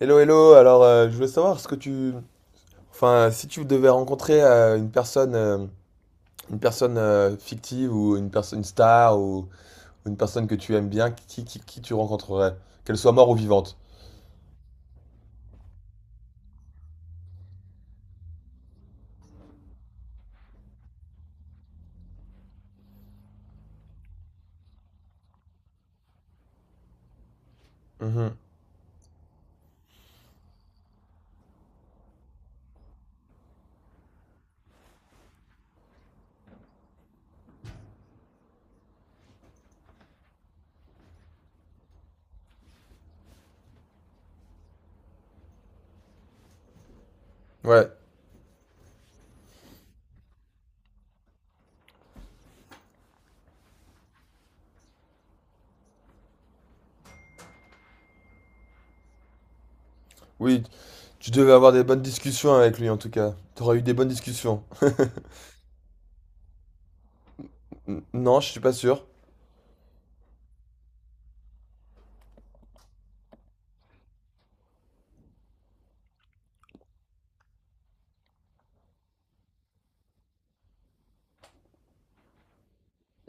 Hello, hello. Alors, je voulais savoir ce que enfin, si tu devais rencontrer une personne, une personne fictive ou une personne, une star ou une personne que tu aimes bien, qui tu rencontrerais, qu'elle soit morte ou vivante. Mhm. Ouais. Oui. Tu devais avoir des bonnes discussions avec lui en tout cas. T'aurais eu des bonnes discussions. Non, je suis pas sûr.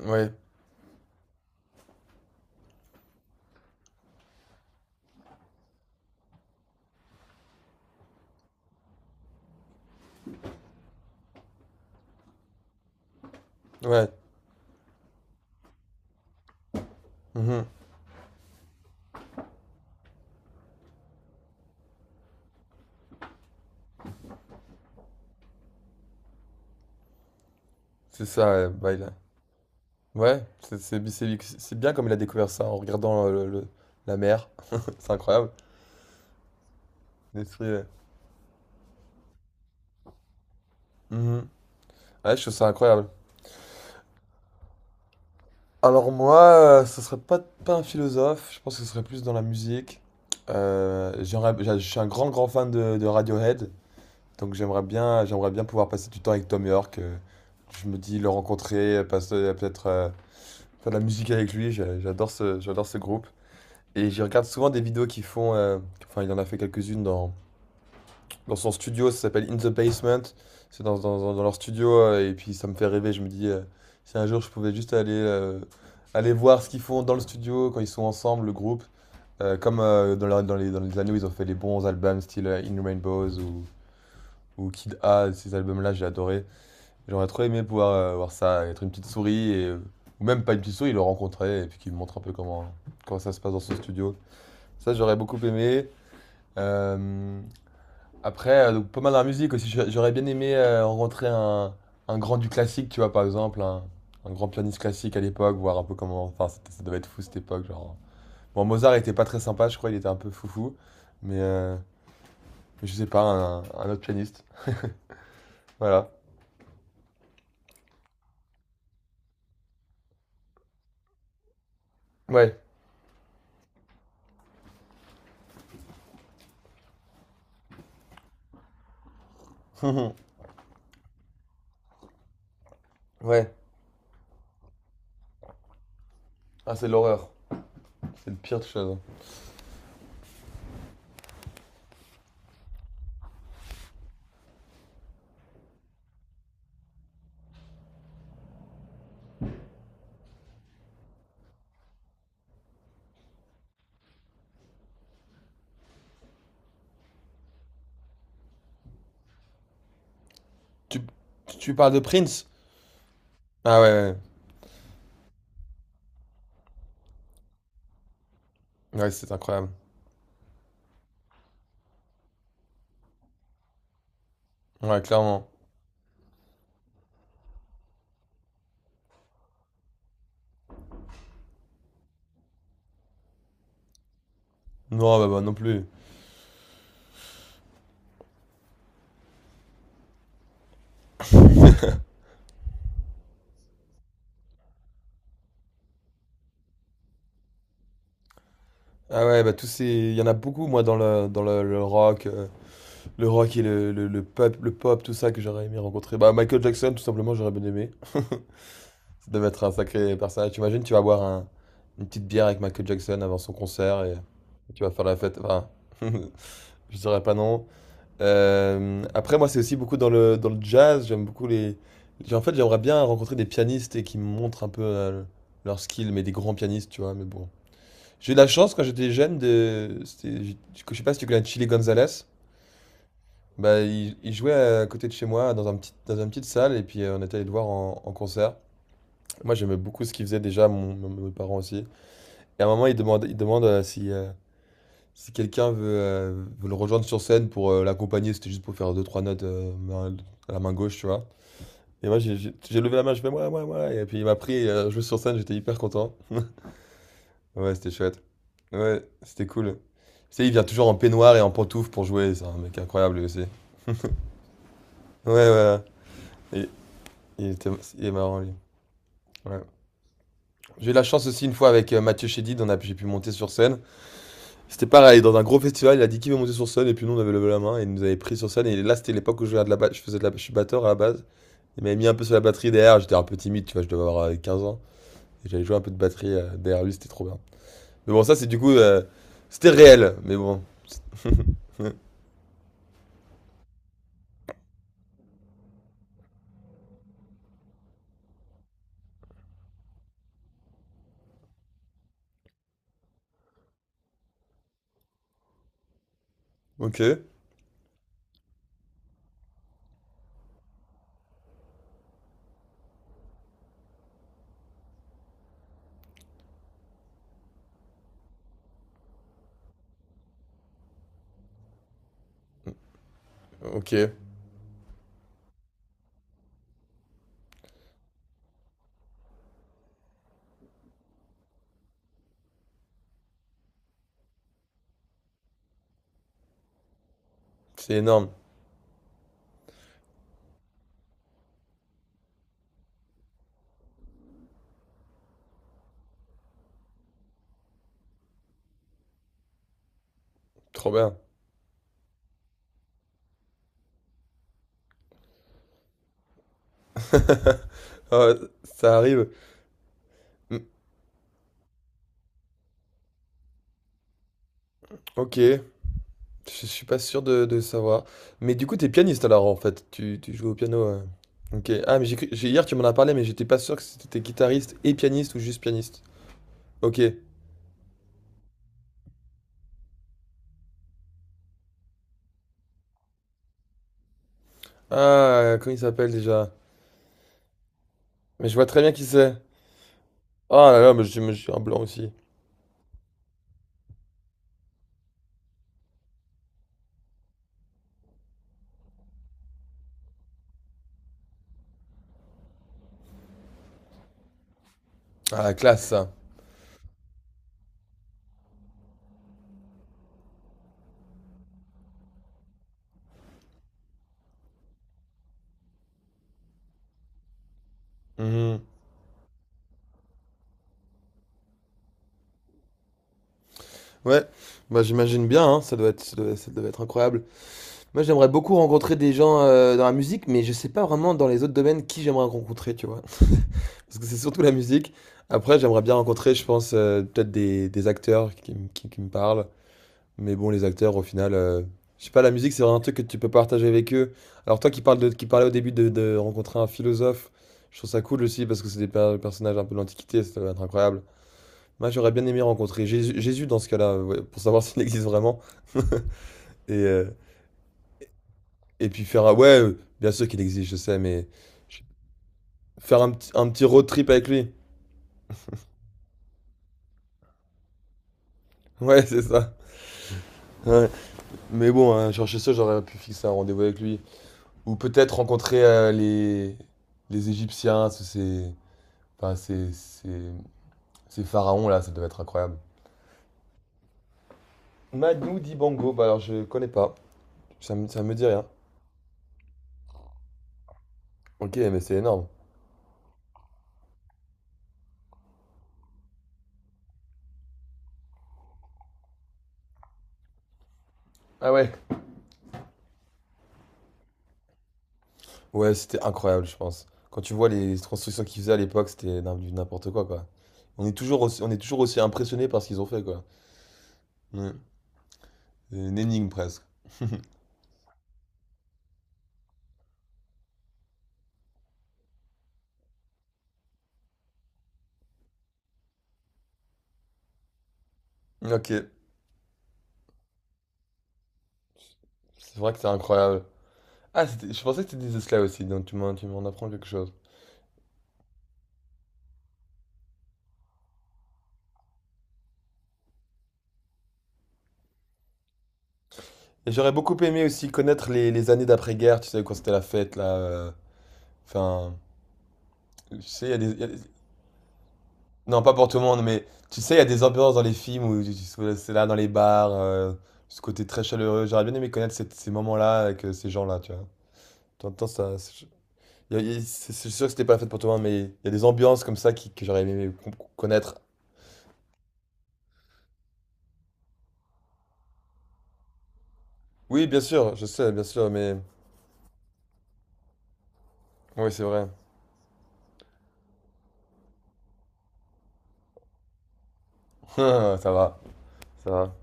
Ouais. Ouais. Mhm. C'est ça. Ouais. Ouais. C'est c'est bien comme il a découvert ça en regardant la mer. C'est incroyable. L'esprit. Ouais. Mhm. Ouais, je trouve ça incroyable. Alors moi, ce serait pas un philosophe, je pense que ce serait plus dans la musique. Je suis un grand grand fan de Radiohead, donc j'aimerais j'aimerais bien pouvoir passer du temps avec Tom York. Je me dis le rencontrer, passer peut-être faire de la musique avec lui. J'adore j'adore ce groupe. Et j'y regarde souvent des vidéos qui font, enfin il en a fait quelques-unes dans son studio, ça s'appelle In the Basement. C'est leur studio et puis ça me fait rêver. Je me dis, si un jour je pouvais juste aller voir ce qu'ils font dans le studio quand ils sont ensemble, le groupe. Comme dans les années où ils ont fait les bons albums, style In Rainbows ou Kid A, ces albums-là, j'ai adoré. J'aurais trop aimé pouvoir voir ça, être une petite souris et, ou même pas une petite souris, le rencontrer et puis qu'il me montre un peu comment ça se passe dans son studio. Ça, j'aurais beaucoup aimé. Euh, donc, pas mal dans la musique aussi. J'aurais bien aimé rencontrer un grand du classique, tu vois, par exemple, un grand pianiste classique à l'époque, voir un peu comment. Enfin, ça devait être fou cette époque. Genre... Bon, Mozart était pas très sympa, je crois, il était un peu foufou. Mais mais je sais pas, un autre pianiste. Voilà. Ouais. Ouais. Ah, c'est l'horreur. C'est le pire de choses. Tu, tu parles de Prince? Ah ouais. Ouais, c'est incroyable. Ouais, clairement. Non, non plus. Ah ouais, bah tous ces... Il y en a beaucoup, moi, dans le rock. Le rock et le pop, tout ça que j'aurais aimé rencontrer. Bah, Michael Jackson, tout simplement, j'aurais bien aimé. Ça devait être un sacré personnage. Tu imagines, tu vas boire une petite bière avec Michael Jackson avant son concert et tu vas faire la fête. Enfin, je dirais pas non. Moi, c'est aussi beaucoup dans dans le jazz. J'aime beaucoup les. J'ai- En fait, j'aimerais bien rencontrer des pianistes et qui me montrent un peu leur skill, mais des grands pianistes, tu vois. Mais bon. J'ai eu la chance quand j'étais jeune de. Je sais pas si tu connais Chili Gonzalez. Bah, il jouait à côté de chez moi, dans un dans une petite salle, et puis on était allé le voir en concert. Moi, j'aimais beaucoup ce qu'il faisait déjà, mes parents aussi. Et à un moment, il demande si quelqu'un veut, veut le rejoindre sur scène pour l'accompagner. C'était juste pour faire deux, trois notes à la main gauche, tu vois. Et moi, j'ai levé la main, je fais moi, moi, moi. Et puis il m'a pris, et joué sur scène, j'étais hyper content. Ouais, c'était chouette. Ouais, c'était cool. Tu sais, il vient toujours en peignoir et en pantoufles pour jouer. C'est un mec incroyable, lui aussi. Ouais, ouais. Il, il était, il est marrant, lui. Ouais. J'ai eu la chance aussi une fois avec Mathieu Chédid, j'ai pu monter sur scène. C'était pareil, dans un gros festival, il a dit qui veut monter sur scène, et puis nous on avait levé la main, et il nous avait pris sur scène, et là c'était l'époque où je faisais je suis batteur à la base. Il m'avait mis un peu sur la batterie derrière, j'étais un peu timide, tu vois, je devais avoir 15 ans, et j'avais joué un peu de batterie derrière lui, c'était trop bien. Mais bon, ça c'est du coup, c'était réel, mais bon. Ok, ok, c'est énorme, trop bien. Ah ouais, ça arrive. Mm, ok, je suis pas sûr de savoir. Mais du coup, t'es pianiste alors en fait. Tu joues au piano. Euh. Ok. Ah, mais hier tu m'en as parlé, mais j'étais pas sûr que c'était guitariste et pianiste ou juste pianiste. Ok. Ah, comment il s'appelle déjà? Mais je vois très bien qui c'est. Oh là là, mais j'ai un blanc aussi. Ah, la classe ça. Mhm. Ouais, bah j'imagine bien, hein, ça doit être incroyable. Moi, j'aimerais beaucoup rencontrer des gens dans la musique, mais je sais pas vraiment dans les autres domaines qui j'aimerais rencontrer, tu vois. Parce que c'est surtout la musique. Après, j'aimerais bien rencontrer, je pense, peut-être des acteurs qui, qui me parlent. Mais bon, les acteurs, au final, je sais pas, la musique, c'est vraiment un truc que tu peux partager avec eux. Alors toi qui parles qui parlais au début de rencontrer un philosophe, je trouve ça cool aussi parce que c'est des personnages un peu de l'Antiquité, ça doit être incroyable. Moi, j'aurais bien aimé rencontrer Jésus, Jésus dans ce cas-là, ouais, pour savoir s'il existe vraiment. Et, euh, Ouais, bien sûr qu'il existe, je sais, mais je- faire un petit road trip avec lui. Ouais, c'est ça. Ouais. Mais bon, hein, chercher ça, j'aurais pu fixer un rendez-vous avec lui. Ou peut-être rencontrer les Égyptiens, ces... Enfin, ces pharaons là, ça devait être incroyable. Madou Dibango, bah alors je connais pas. Ça me dit rien. Ok, mais c'est énorme. Ah ouais? Ouais, c'était incroyable, je pense. Quand tu vois les constructions qu'ils faisaient à l'époque, c'était du n'importe quoi, quoi. On est toujours aussi impressionné par ce qu'ils ont fait, quoi. Ouais. C'est une énigme presque. Ok. C'est vrai que c'est incroyable. Ah, je pensais que tu disais cela aussi, donc tu m'en apprends quelque chose. Et j'aurais beaucoup aimé aussi connaître les années d'après-guerre, tu sais, quand c'était la fête, là. Enfin, tu sais, il y a des. Il y a des- non, pas pour tout le monde, mais tu sais, il y a des ambiances dans les films où c'est là, dans les bars, ce côté très chaleureux. J'aurais bien aimé connaître ces moments-là avec ces gens-là, tu vois. T'entends ça. C'est il y a- c'est- C'est sûr que c'était pas la fête pour tout le monde, mais il y a des ambiances comme ça que j'aurais aimé connaître. Oui, bien sûr, je sais, bien sûr, mais. Oui, c'est vrai. Ça va, ça va.